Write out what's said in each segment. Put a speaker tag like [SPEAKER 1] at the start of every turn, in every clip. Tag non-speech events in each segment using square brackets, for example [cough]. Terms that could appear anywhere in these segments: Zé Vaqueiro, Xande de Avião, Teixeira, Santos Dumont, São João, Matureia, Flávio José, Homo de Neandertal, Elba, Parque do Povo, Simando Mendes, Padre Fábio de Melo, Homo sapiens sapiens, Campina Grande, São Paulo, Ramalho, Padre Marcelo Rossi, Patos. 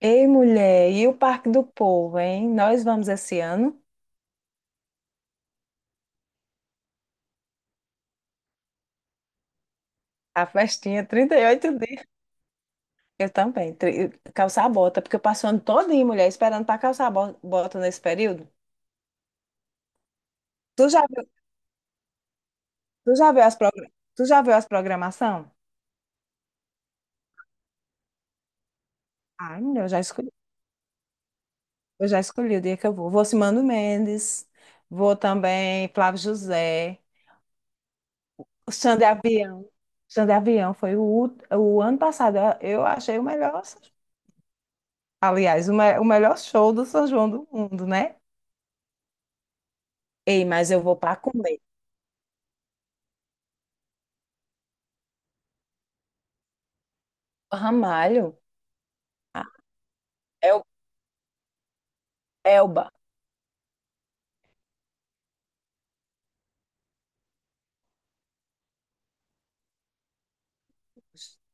[SPEAKER 1] Ei, mulher, e o Parque do Povo, hein? Nós vamos esse ano. A festinha, 38 dias. Eu também. Calçar a bota, porque eu passo o ano todinho, mulher, esperando para calçar a bota nesse período. Tu já viu, tu já viu tu já viu as programação? Ai, mulher, eu já escolhi o dia que eu vou. Vou Simando Mendes, vou também Flávio José, o Xande de Avião. Xande de Avião foi o ano passado, eu achei o melhor. Aliás, o melhor show do São João do mundo, né? Ei, mas eu vou para comer. Ramalho, a El- Elba.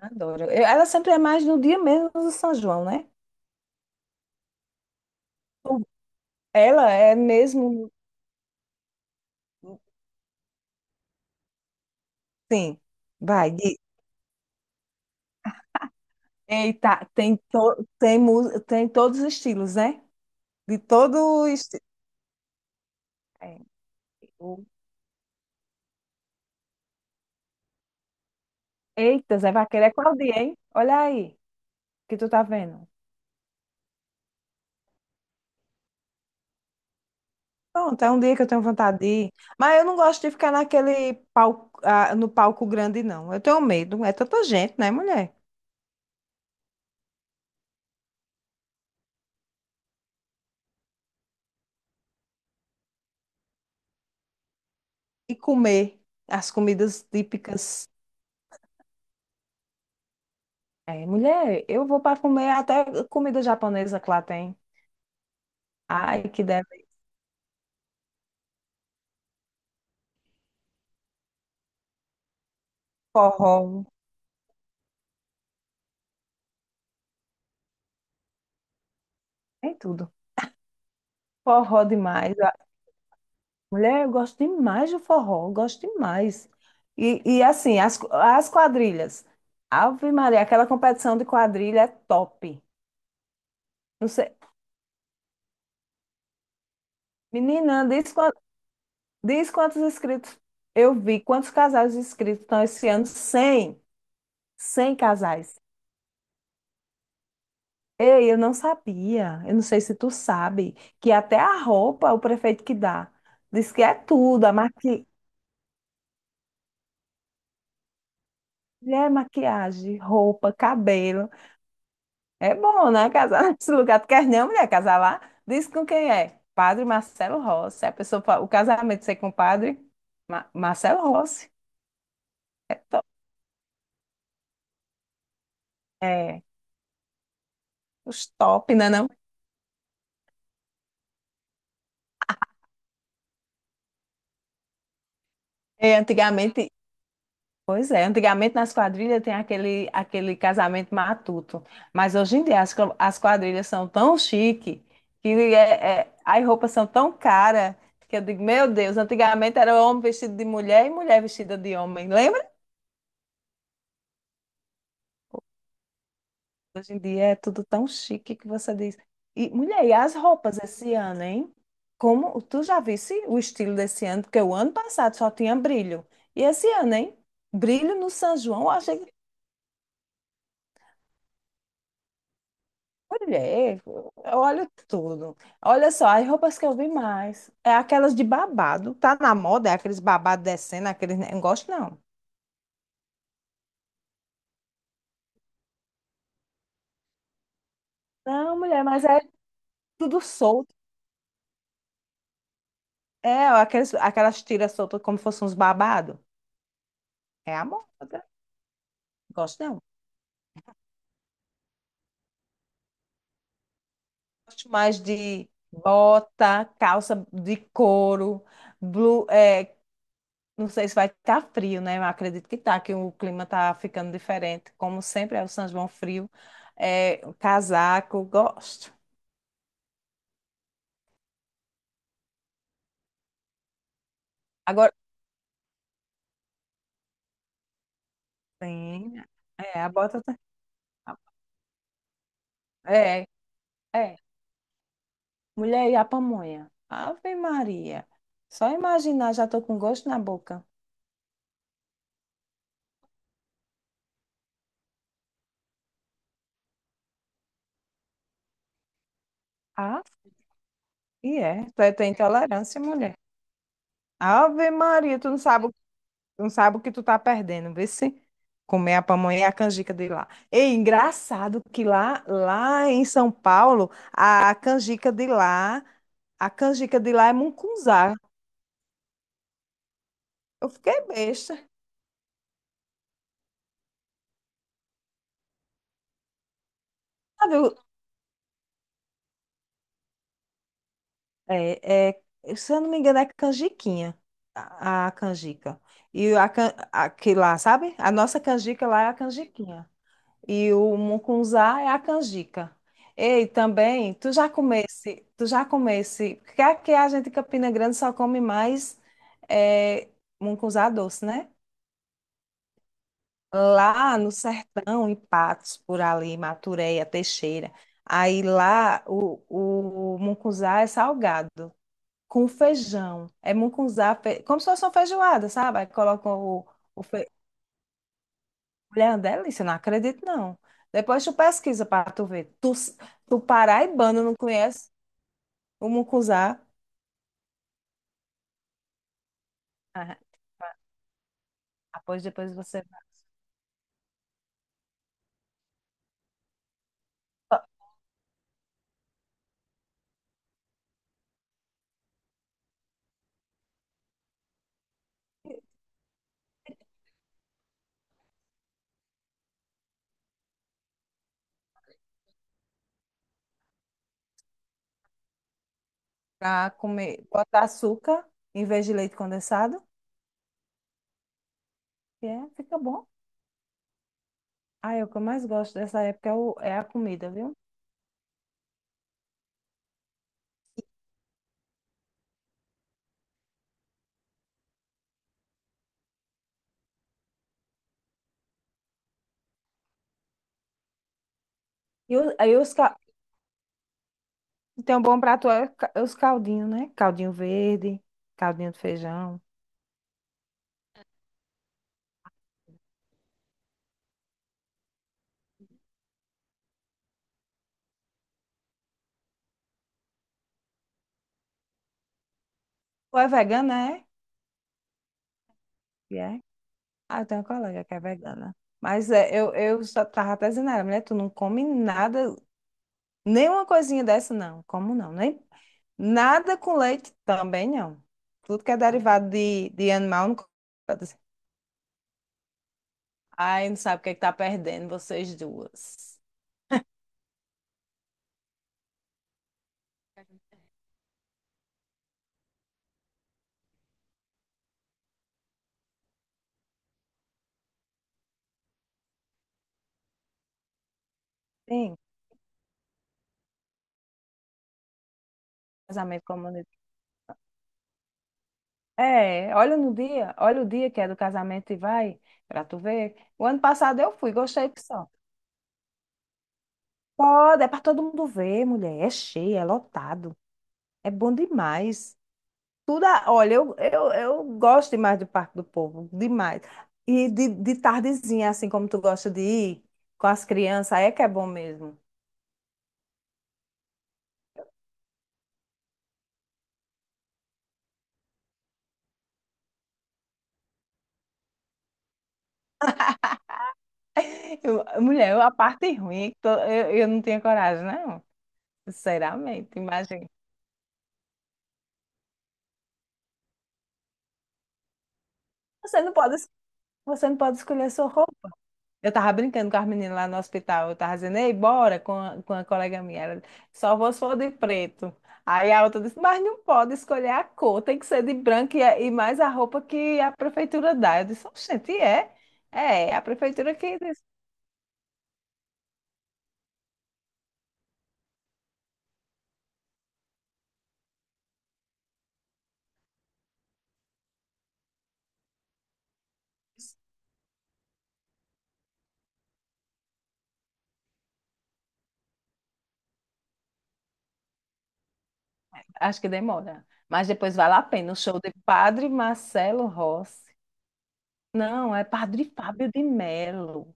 [SPEAKER 1] Adoro. Ela sempre é mais no dia mesmo do São João, né? O- Ela é mesmo. Sim. Vai. Eita, tem, tem todos os estilos, né? De todo estilo. Eita, Zé Vaqueiro, é qual dia, hein? Olha aí, que tu tá vendo. Pronto, é um dia que eu tenho vontade de ir. Mas eu não gosto de ficar naquele palco, ah, no palco grande, não. Eu tenho medo. É tanta gente, né, mulher? E comer as comidas típicas. É, mulher, eu vou para comer até comida japonesa que lá tem. Ai, que deve. Forró, tem tudo. Forró demais. Ah, mulher, eu gosto demais do forró, eu gosto demais. E assim, as quadrilhas. Ave Maria, aquela competição de quadrilha é top. Não sei. Menina, diz quantos inscritos eu vi, quantos casais inscritos estão esse ano? 100. 100 casais. Ei, eu não sabia. Eu não sei se tu sabe que até a roupa o prefeito que dá. Diz que é tudo, é maquiagem, roupa, cabelo. É bom, né? Casar [laughs] nesse lugar. Tu quer não, mulher, casar lá? Diz com quem é? Padre Marcelo Rossi. A pessoa, o casamento ser com o padre Marcelo Rossi. É, to... é os top, né, não? É, antigamente Pois é, antigamente nas quadrilhas tem aquele casamento matuto, mas hoje em dia as quadrilhas são tão chique que as roupas são tão caras que eu digo, meu Deus, antigamente era homem vestido de mulher e mulher vestida de homem, lembra? Hoje em dia é tudo tão chique que você diz. E mulher, e as roupas esse ano, hein? Como tu já visse o estilo desse ano, porque o ano passado só tinha brilho. E esse ano, hein? Brilho no São João, eu achei. Mulher, olha tudo. Olha só, as roupas que eu vi mais é aquelas de babado. Tá na moda, é aqueles babados descendo, aqueles negócio, não. Não, mulher, mas é tudo solto. É, aquelas tiras soltas como fossem uns babados. É a moda. Gosto não. Gosto mais de bota, calça de couro, blu- é, não sei se vai estar frio, né? Eu acredito que tá, que o clima está ficando diferente. Como sempre, é o São João frio. É, o casaco, gosto. Agora, sim, é, a bota. É, é. Mulher e a pamonha. Ave Maria. Só imaginar, já estou com gosto na boca. Ah, e é. Tem intolerância, mulher. Ave Maria, tu não sabe. Não sabe o que tu tá perdendo, vê se comer a pamonha e a canjica de lá. E engraçado que lá em São Paulo, a canjica de lá é mungunzá. Eu fiquei besta. Sabe, o- é, é, se eu não me engano, é canjiquinha, a canjica. E a que lá, sabe? A nossa canjica lá é a canjiquinha. E o mucunzá é a canjica. Ei, também, tu já comesse, porque aqui a gente em Campina Grande só come mais é, mucunzá doce, né? Lá no sertão, em Patos, por ali, Matureia, Teixeira. Aí lá o, o mucunzá é salgado, com feijão. É como se fosse uma feijoada, sabe? Aí colocam o mulher, é uma delícia, eu não acredito, não. Depois tu pesquisa para tu ver. Tu paraibano não conhece o mucuzá? Ah, após depois você vai pra comer, bota açúcar em vez de leite condensado, e é, fica bom. Aí o que eu mais gosto dessa época é, é a comida, viu? E o- aí os, ca- tem um bom prato, é é os caldinhos, né? Caldinho verde, caldinho de feijão. Tu é vegana, é? E é. Ah, eu tenho uma colega que é vegana. Mas é, eu só tava até dizendo, a ela, mulher, tu não come nada. Nenhuma coisinha dessa, não. Como não? Nem... Nada com leite também, não. Tudo que é derivado de animal, não pode ser. Ai, não sabe o que é que tá perdendo, vocês duas. Sim, casamento comunitário. É, olha no dia, olha o dia que é do casamento e vai, pra tu ver. O ano passado eu fui, gostei que só. Pode, é pra todo mundo ver, mulher. É cheio, é lotado. É bom demais. Olha, eu gosto demais do Parque do Povo, demais. E de tardezinha, assim como tu gosta de ir com as crianças, aí é que é bom mesmo. Mulher, a parte ruim é que eu não tinha coragem, não. Sinceramente, imagina. Você não pode, es- você não pode escolher sua roupa. Eu tava brincando com as meninas lá no hospital. Eu tava dizendo, ei, bora com com a colega minha. Ela, só vou se for de preto. Aí a outra disse, mas não pode escolher a cor, tem que ser de branco e mais a roupa que a prefeitura dá. Eu disse, oxente, é? É, é a prefeitura que diz. Acho que demora. Mas depois vale a pena. O show de Padre Marcelo Rossi. Não, é Padre Fábio de Melo.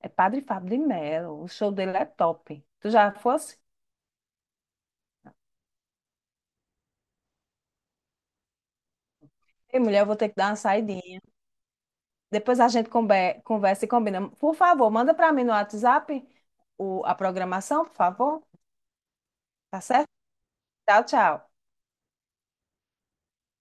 [SPEAKER 1] É Padre Fábio de Melo. O show dele é top. Tu já fosse? Ei, mulher, eu vou ter que dar uma saída. Depois a gente conversa e combina. Por favor, manda para mim no WhatsApp a programação, por favor. Tá certo? Tchau, tchau.